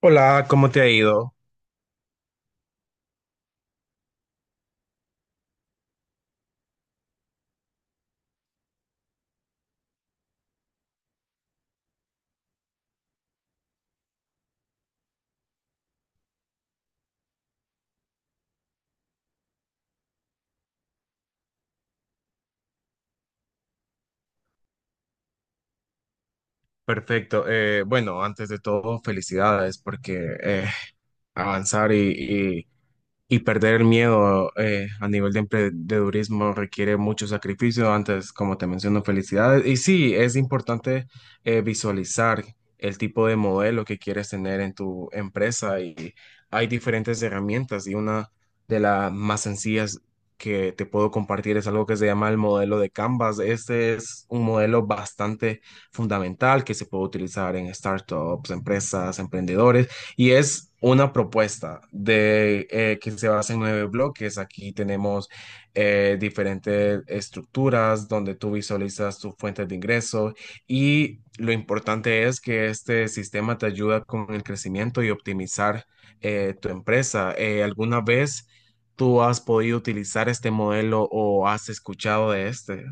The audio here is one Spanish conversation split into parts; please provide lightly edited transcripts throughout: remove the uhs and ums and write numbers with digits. Hola, ¿cómo te ha ido? Perfecto. Bueno, antes de todo, felicidades porque avanzar y perder el miedo a nivel de emprendedurismo requiere mucho sacrificio. Antes, como te menciono, felicidades. Y sí, es importante visualizar el tipo de modelo que quieres tener en tu empresa. Y hay diferentes herramientas, y una de las más sencillas que te puedo compartir es algo que se llama el modelo de Canvas. Este es un modelo bastante fundamental que se puede utilizar en startups, empresas, emprendedores. Y es una propuesta de que se basa en nueve bloques. Aquí tenemos diferentes estructuras donde tú visualizas tus fuentes de ingreso, y lo importante es que este sistema te ayuda con el crecimiento y optimizar tu empresa. ¿Alguna vez tú has podido utilizar este modelo o has escuchado de este?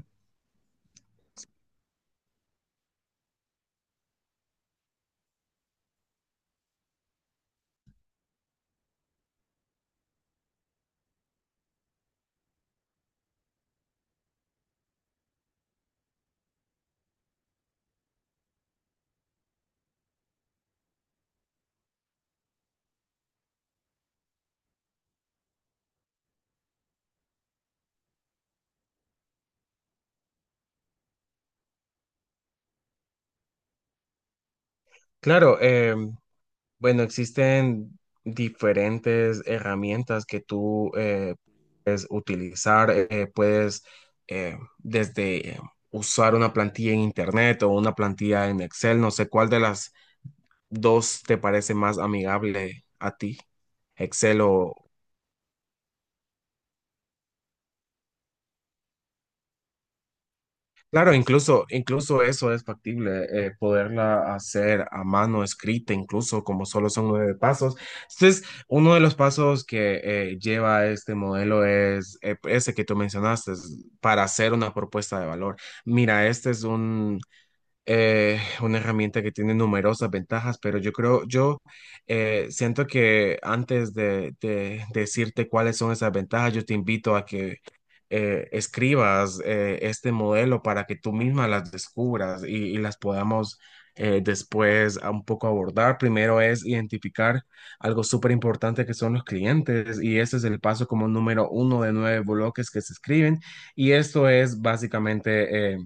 Claro. Bueno, existen diferentes herramientas que tú puedes utilizar. Puedes, desde usar una plantilla en Internet o una plantilla en Excel. No sé cuál de las dos te parece más amigable a ti, ¿Excel o...? Claro, incluso, incluso eso es factible, poderla hacer a mano escrita, incluso como solo son nueve pasos. Entonces, uno de los pasos que lleva este modelo es ese que tú mencionaste, es para hacer una propuesta de valor. Mira, este es una herramienta que tiene numerosas ventajas, pero yo creo, yo siento que antes de decirte cuáles son esas ventajas, yo te invito a que escribas este modelo para que tú misma las descubras y las podamos después a un poco abordar. Primero es identificar algo súper importante que son los clientes, y ese es el paso como número uno de nueve bloques que se escriben, y esto es básicamente...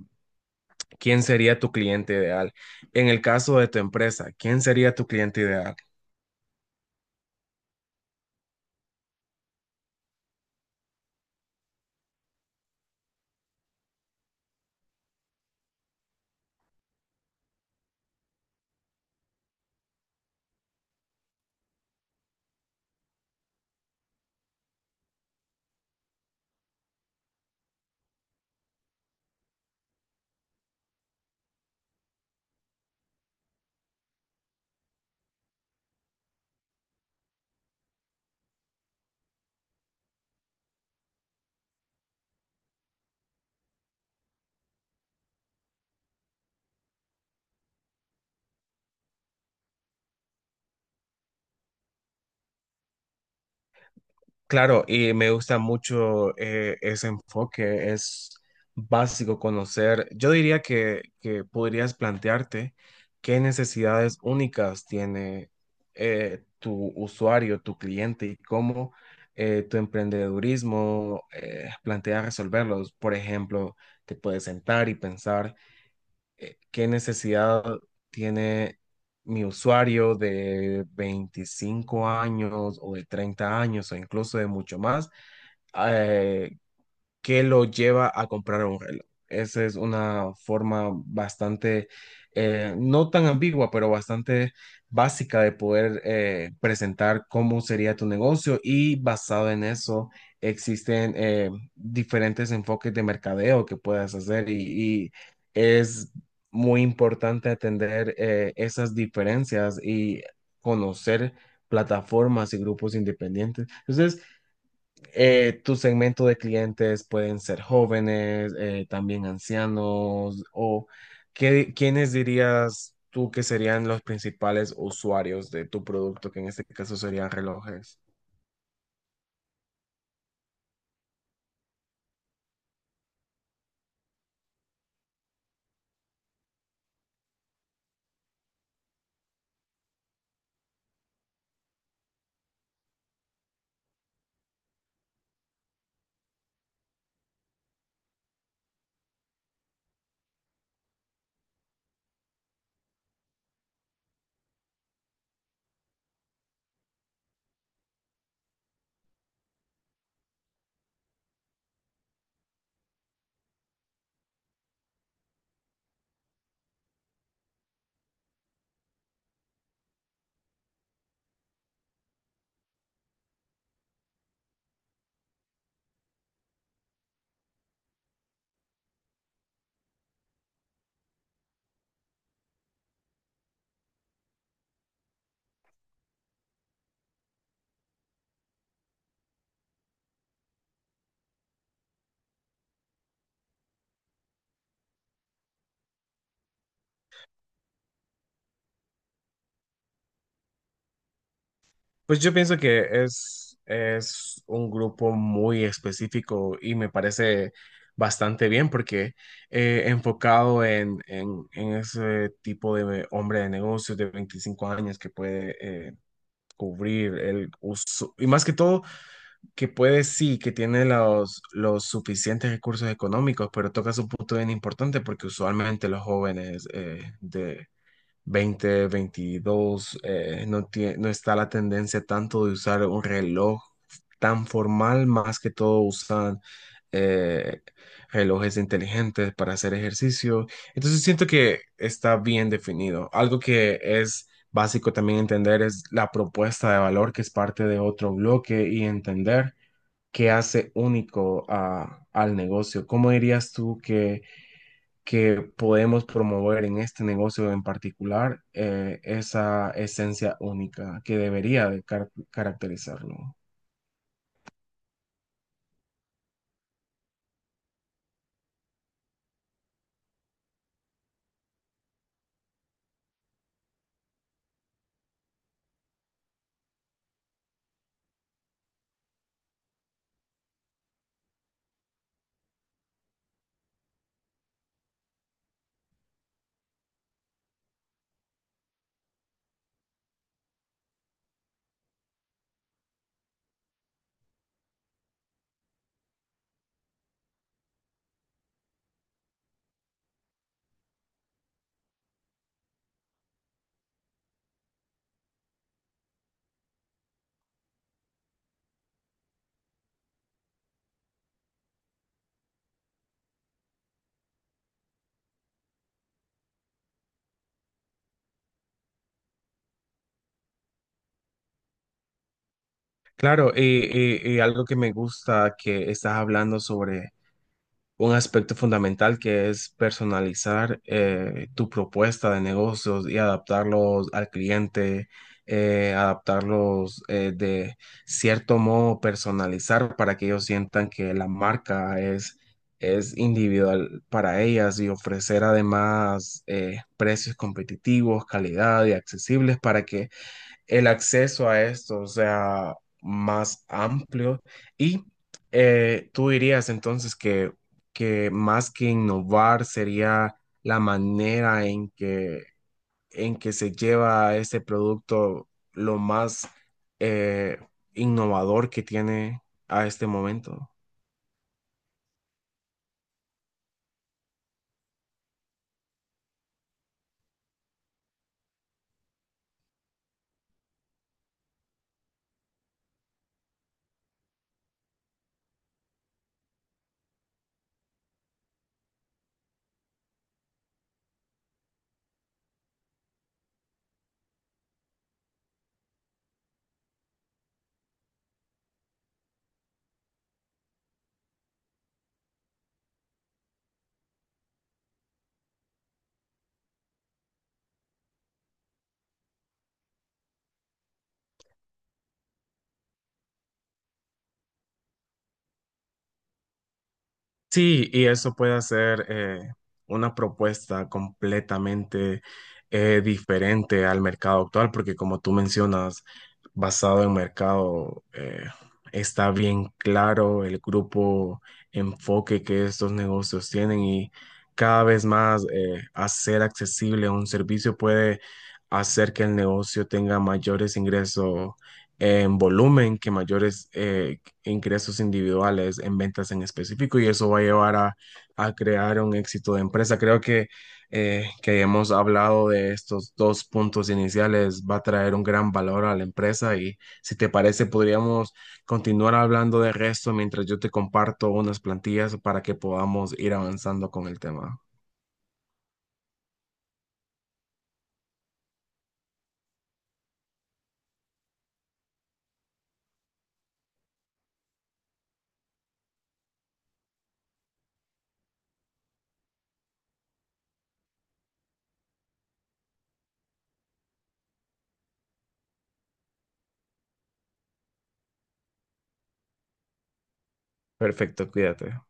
¿quién sería tu cliente ideal? En el caso de tu empresa, ¿quién sería tu cliente ideal? Claro, y me gusta mucho ese enfoque, es básico conocer. Yo diría que podrías plantearte qué necesidades únicas tiene tu usuario, tu cliente, y cómo tu emprendedurismo plantea resolverlos. Por ejemplo, te puedes sentar y pensar. Eh, ¿qué necesidad tiene mi usuario de 25 años, o de 30 años, o incluso de mucho más? Eh, que lo lleva a comprar un reloj. Esa es una forma bastante, no tan ambigua, pero bastante básica de poder presentar cómo sería tu negocio, y basado en eso existen diferentes enfoques de mercadeo que puedes hacer, y es muy importante atender esas diferencias y conocer plataformas y grupos independientes. Entonces, tu segmento de clientes pueden ser jóvenes, también ancianos, o qué, ¿quiénes dirías tú que serían los principales usuarios de tu producto, que en este caso serían relojes? Pues yo pienso que es un grupo muy específico, y me parece bastante bien porque enfocado en, en ese tipo de hombre de negocios de 25 años que puede... cubrir el uso, y más que todo que puede, sí, que tiene los suficientes recursos económicos, pero tocas un punto bien importante porque usualmente los jóvenes de 20 22 no, no está la tendencia tanto de usar un reloj tan formal, más que todo usan eh, relojes inteligentes para hacer ejercicio. Entonces siento que está bien definido. Algo que es básico también entender es la propuesta de valor, que es parte de otro bloque, y entender que hace único al negocio. ¿Cómo dirías tú que podemos promover en este negocio en particular esa esencia única que debería de caracterizarlo? Claro, y, y algo que me gusta que estás hablando sobre un aspecto fundamental que es personalizar tu propuesta de negocios y adaptarlos al cliente, adaptarlos de cierto modo, personalizar para que ellos sientan que la marca es individual para ellas, y ofrecer además precios competitivos, calidad y accesibles para que el acceso a esto sea más amplio, y tú dirías entonces que más que innovar sería la manera en que se lleva este producto lo más eh, innovador que tiene a este momento. Sí, y eso puede hacer una propuesta completamente diferente al mercado actual, porque como tú mencionas, basado en mercado, está bien claro el grupo enfoque que estos negocios tienen, y cada vez más hacer accesible un servicio puede hacer que el negocio tenga mayores ingresos en volumen, que mayores, ingresos individuales en ventas en específico, y eso va a llevar a crear un éxito de empresa. Creo que hemos hablado de estos dos puntos iniciales, va a traer un gran valor a la empresa, y si te parece podríamos continuar hablando de resto mientras yo te comparto unas plantillas para que podamos ir avanzando con el tema. Perfecto, cuídate.